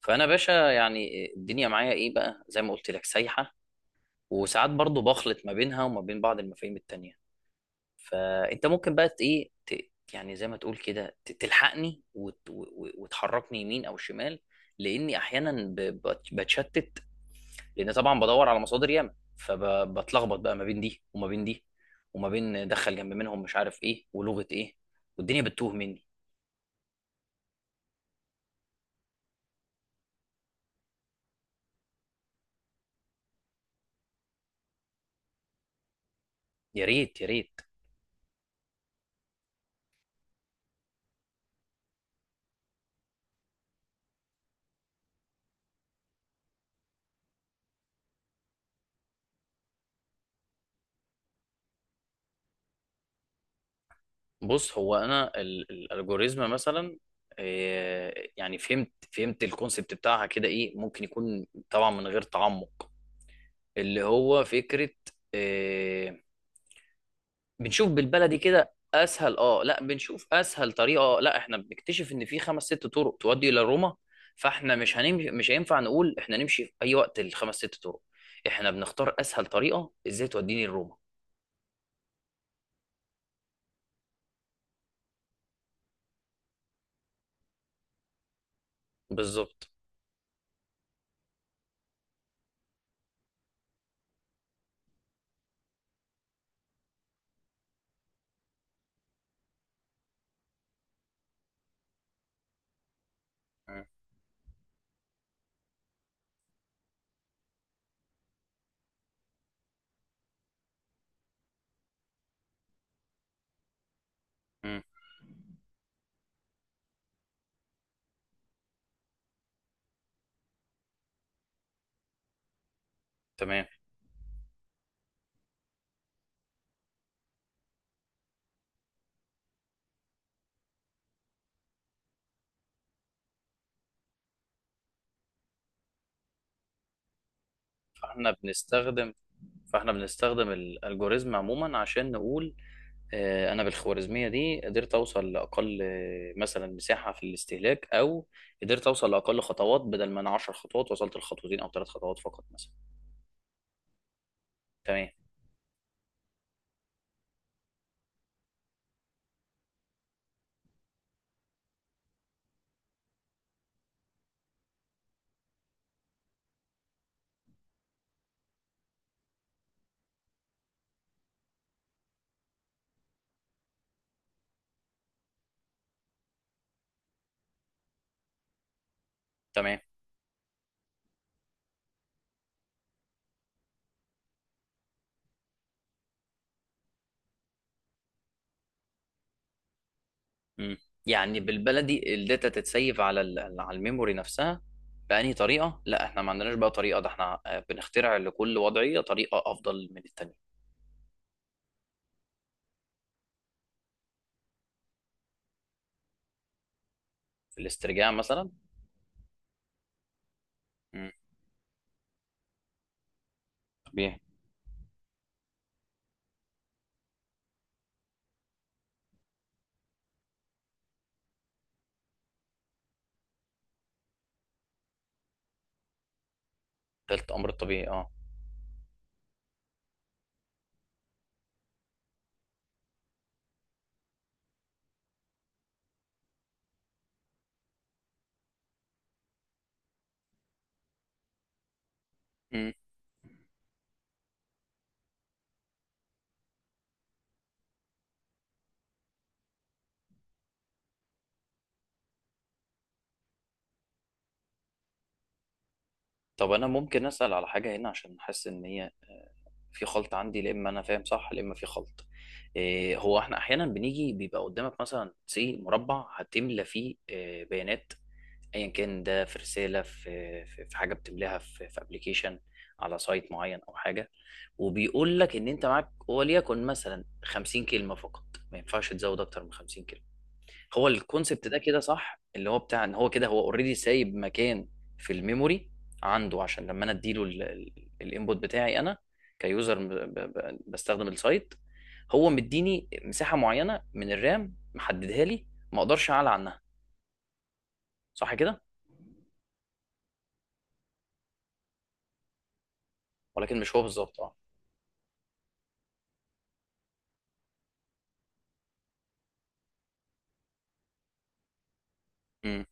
فانا باشا، يعني الدنيا معايا ايه بقى زي ما قلت لك سايحه. وساعات برضو بخلط ما بينها وما بين بعض المفاهيم التانية. فانت ممكن بقى يعني زي ما تقول كده تلحقني وتحركني يمين او شمال، لاني احيانا بتشتت. لان طبعا بدور على مصادر ياما، فبتلخبط بقى ما بين دي وما بين دي، وما بين دخل جنب منهم مش عارف ايه ولغه ايه، والدنيا بتتوه مني. يا ريت يا ريت. بص، هو انا الالجوريزم مثلا، يعني فهمت فهمت الكونسبت بتاعها كده، ايه ممكن يكون طبعا من غير تعمق، اللي هو فكرة إيه، بنشوف بالبلدي كده اسهل، لا بنشوف اسهل طريقة. لا احنا بنكتشف ان في خمس ست طرق تؤدي الى روما، فاحنا مش هنمشي، مش هينفع نقول احنا نمشي في اي وقت الخمس ست طرق، احنا بنختار اسهل طريقة ازاي توديني لروما. بالظبط. مم. مم. تمام. فاحنا بنستخدم فاحنا بنستخدم الالجوريزم عموما عشان نقول انا بالخوارزميه دي قدرت اوصل لاقل مثلا مساحه في الاستهلاك، او قدرت اوصل لاقل خطوات، بدل ما انا 10 خطوات وصلت لخطوتين او 3 خطوات فقط مثلا. تمام. تمام. مم. يعني بالبلدي الداتا تتسيف على الميموري نفسها. بأنهي طريقه؟ لا احنا ما عندناش بقى طريقه، ده احنا بنخترع لكل وضعيه طريقه افضل من التانيه. في الاسترجاع مثلا. مم. طبيعي. ده الامر الطبيعي، اه. طب انا ممكن اسال على حاجه هنا، عشان حاسس ان هي آه، في خلط عندي، لا اما انا فاهم صح لا اما في خلط. إيه، هو احنا احيانا بنيجي بيبقى قدامك مثلا سي مربع هتملى فيه بيانات، ايا كان ده، في رساله، في في في حاجه بتملاها في في ابلكيشن على سايت معين او حاجه، وبيقول لك ان انت معاك وليكن مثلا 50 كلمه فقط، ما ينفعش تزود اكتر من 50. هو الكونسبت ده كده صح؟ اللي هو بتاع ان هو كده هو اوريدي سايب مكان في الميموري عنده، عشان لما انا اديله الانبوت بتاعي انا كيوزر بستخدم السايت، هو مديني مساحه معينه من الرام، محددها لي، ما اقدرش اعلى عنها. صح كده؟ ولكن مش هو بالظبط، اه. امم.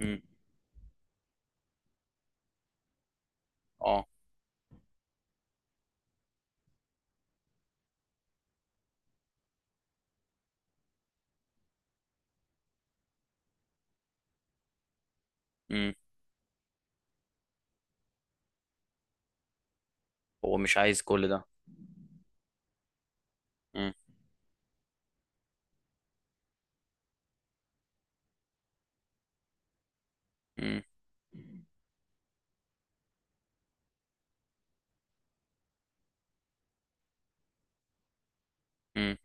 امم. اه. امم. هو مش عايز كل ده. امم. امم.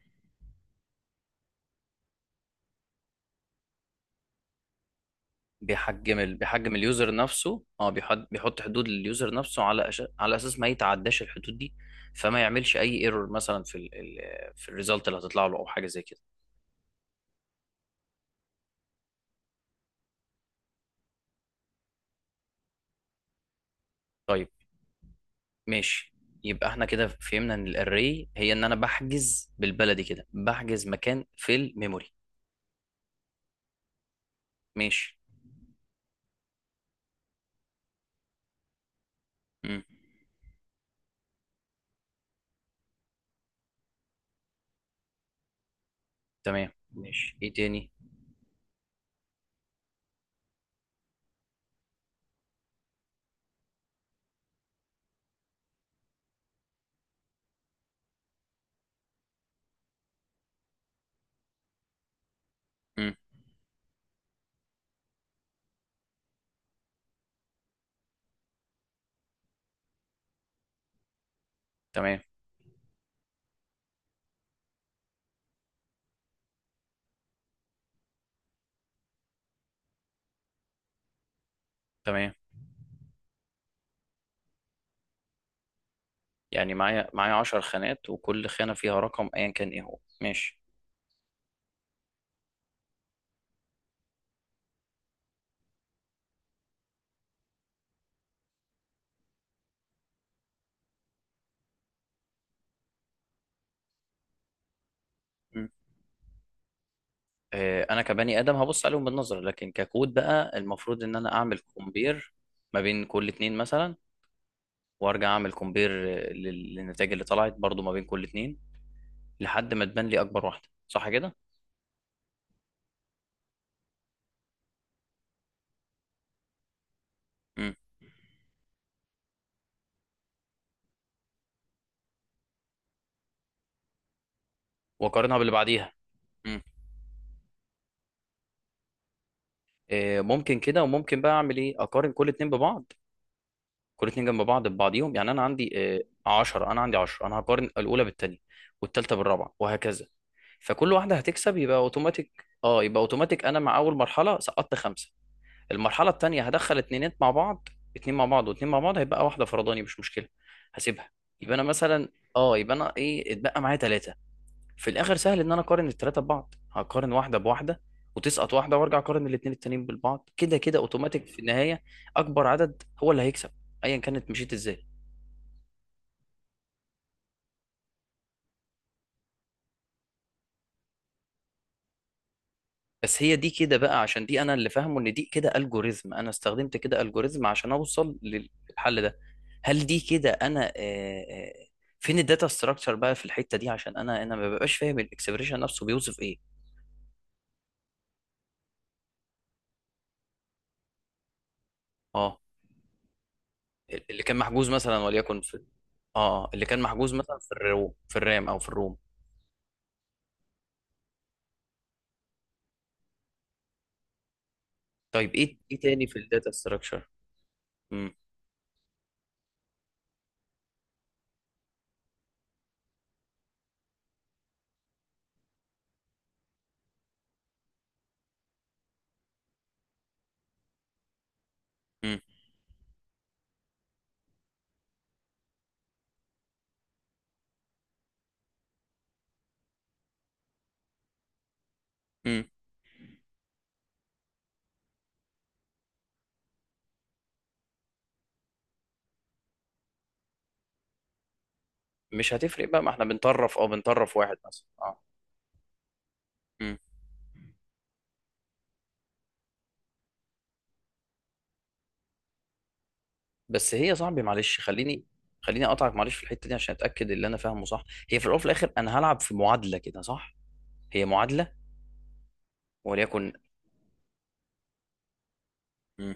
بيحجم اليوزر نفسه، بيحط بيحط حدود لليوزر نفسه، على اساس ما يتعداش الحدود دي، فما يعملش اي ايرور مثلا في الريزلت اللي هتطلع له او حاجه زي كده. طيب. ماشي. يبقى احنا كده فهمنا ان الاري هي ان انا بحجز، بالبلدي كده بحجز مكان في الميموري. ماشي. امم. تمام ماشي، ايه تاني؟ امم. تمام. تمام. يعني معايا 10 خانات، وكل خانه فيها رقم ايا كان ايه هو، ماشي. انا كبني ادم هبص عليهم بالنظر، لكن ككود بقى المفروض ان انا اعمل كومبير ما بين كل اتنين مثلا، وارجع اعمل كومبير للنتائج اللي طلعت برضو ما بين كل اتنين، لحد ما تبان لي اكبر واحده. صح كده؟ امم. واقارنها باللي بعديها. امم. ممكن كده، وممكن بقى اعمل ايه، اقارن كل اتنين ببعض، كل اتنين جنب بعض ببعضيهم. يعني انا عندي 10، انا عندي 10، انا هقارن الاولى بالتانية والتالتة بالرابعه وهكذا، فكل واحده هتكسب يبقى اوتوماتيك. اه، يبقى اوتوماتيك، انا مع اول مرحله سقطت خمسه، المرحله التانيه هدخل اتنينات مع بعض، اتنين مع بعض واتنين مع بعض، هيبقى واحده فرداني مش مشكله، هسيبها. يبقى انا مثلا، اه، يبقى انا ايه، اتبقى معايا ثلاثه، في الاخر سهل ان انا اقارن الثلاثه ببعض، هقارن واحده بواحده وتسقط واحده، وارجع اقارن الاثنين التانيين بالبعض. كده كده اوتوماتيك في النهايه اكبر عدد هو اللي هيكسب، ايا كانت مشيت ازاي. بس هي دي كده بقى، عشان دي انا اللي فاهمه ان دي كده الجوريزم، انا استخدمت كده الجوريزم عشان اوصل للحل ده. هل دي كده انا فين الداتا ستراكشر بقى في الحته دي؟ عشان انا ما ببقاش فاهم الاكسبريشن نفسه بيوصف ايه. اه، اللي كان محجوز مثلا وليكن في. اه، اللي كان محجوز مثلا في الروم، في الرام او في الروم. طيب ايه تاني في الداتا ستراكشر؟ مش هتفرق بقى، ما احنا بنطرف، واحد مثلا، اه. إمم. بس هي يا صاحبي معلش، خليني خليني اقطعك معلش في الحته دي عشان اتاكد اللي انا فاهمه صح. هي في الاول وفي الاخر انا هلعب في معادله كده، صح؟ هي معادله، وليكن. م-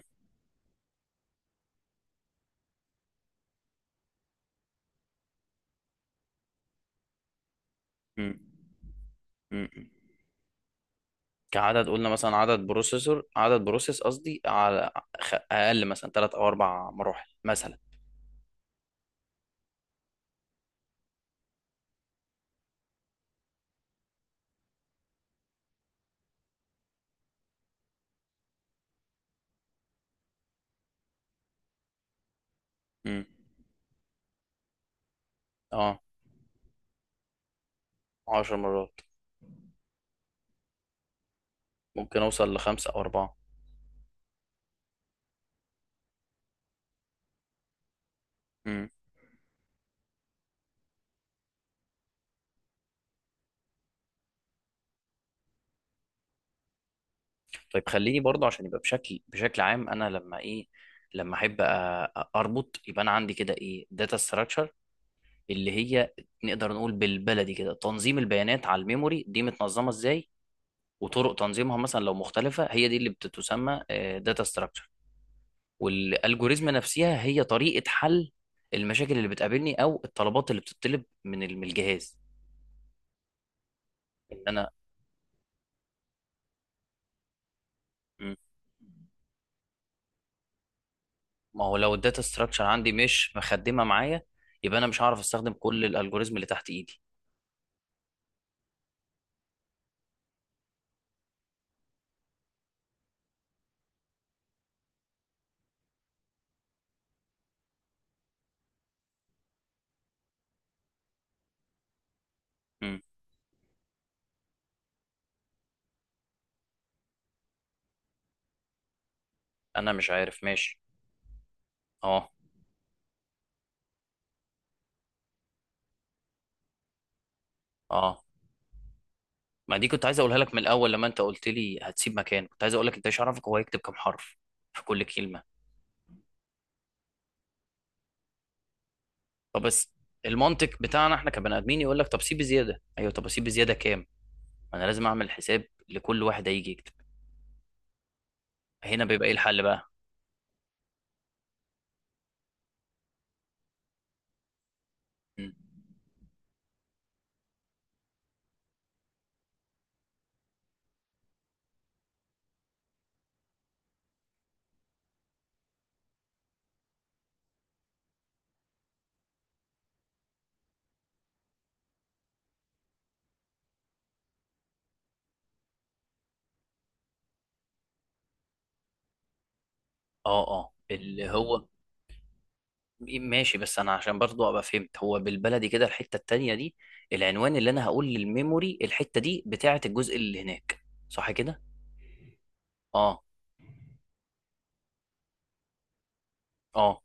م- م- م. كعدد، قلنا مثلا عدد بروسيسور، عدد بروسيس قصدي، على اقل مثلا 3 او 4 مراحل مثلا. م. اه. 10 مرات. ممكن اوصل لخمسه او اربعه. م. طيب خليني برضه عشان يبقى بشكل عام، انا لما ايه، لما احب اربط، يبقى انا عندي كده ايه، داتا ستراكشر، اللي هي نقدر نقول بالبلدي كده تنظيم البيانات على الميموري، دي متنظمه ازاي وطرق تنظيمها مثلا لو مختلفه، هي دي اللي بتتسمى داتا ستراكشر. والالجوريزم نفسها هي طريقه حل المشاكل اللي بتقابلني او الطلبات اللي بتطلب من الجهاز، إن انا. مم. ما هو لو الداتا ستراكشر عندي مش مخدمه معايا، يبقى انا مش هعرف استخدم كل الالجوريزم اللي تحت ايدي. مم. انا مش عارف، ماشي. اه. اه، ما دي كنت عايز اقولها لك من الاول، لما انت قلت لي هتسيب مكان كنت عايز اقول لك انت مش عارفك هو هيكتب كام حرف في كل كلمه. طب بس، المنطق بتاعنا احنا كبني ادمين يقول لك طب سيب زياده، ايوه طب اسيب زياده كام، ما انا لازم اعمل حساب لكل واحد هيجي يكتب. هنا بيبقى ايه الحل بقى؟ مم. اه. اه اللي هو. ماشي، بس انا عشان برضو ابقى فهمت، هو بالبلدي كده الحته التانيه دي، العنوان اللي انا هقول للميموري الحته دي بتاعه الجزء اللي هناك. صح كده؟ اه. اه.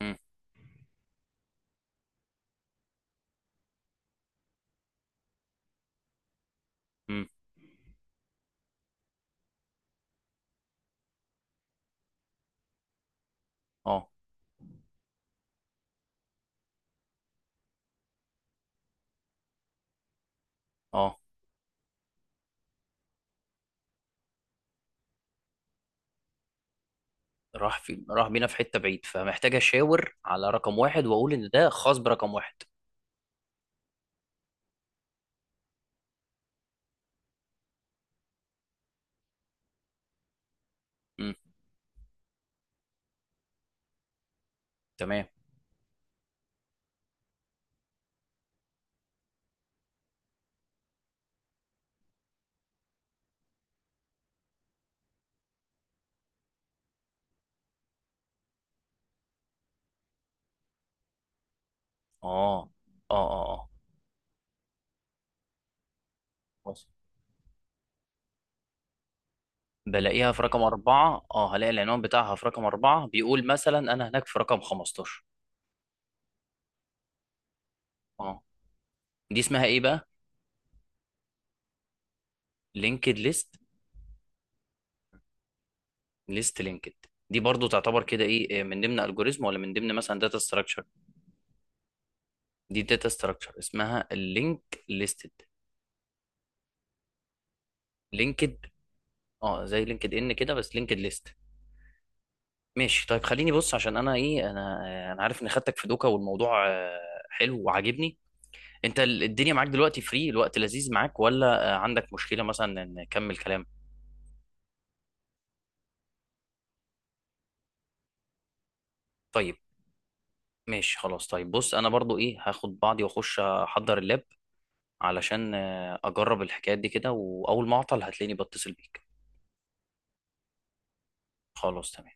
مم. مم. اه. اه. راح بينا في حتة بعيد، فمحتاج اشاور على رقم واحد واقول ان ده خاص برقم واحد. امم. تمام. اه اه اه اه. خلاص. بلاقيها في رقم أربعة، اه، هلاقي العنوان بتاعها في رقم أربعة بيقول مثلا أنا هناك في رقم 15. اه. دي اسمها إيه بقى؟ لينكد ليست. ليست لينكد. دي برضو تعتبر كده إيه، من ضمن ألجوريزم ولا من ضمن مثلا داتا ستراكشر؟ دي داتا ستراكشر اسمها اللينك ليستد. لينكد، اه زي لينكد إن كده بس لينكد ليست. ماشي طيب، خليني بص، عشان انا ايه، انا عارف اني خدتك في دوكا، والموضوع حلو وعاجبني. انت الدنيا معاك دلوقتي فري، الوقت لذيذ معاك، ولا عندك مشكلة مثلا ان نكمل كلام؟ طيب. ماشي خلاص، طيب بص انا برضو ايه، هاخد بعضي واخش احضر اللاب، علشان اجرب الحكايات دي كده، واول ما اعطل هتلاقيني بتصل بيك. خلاص تمام.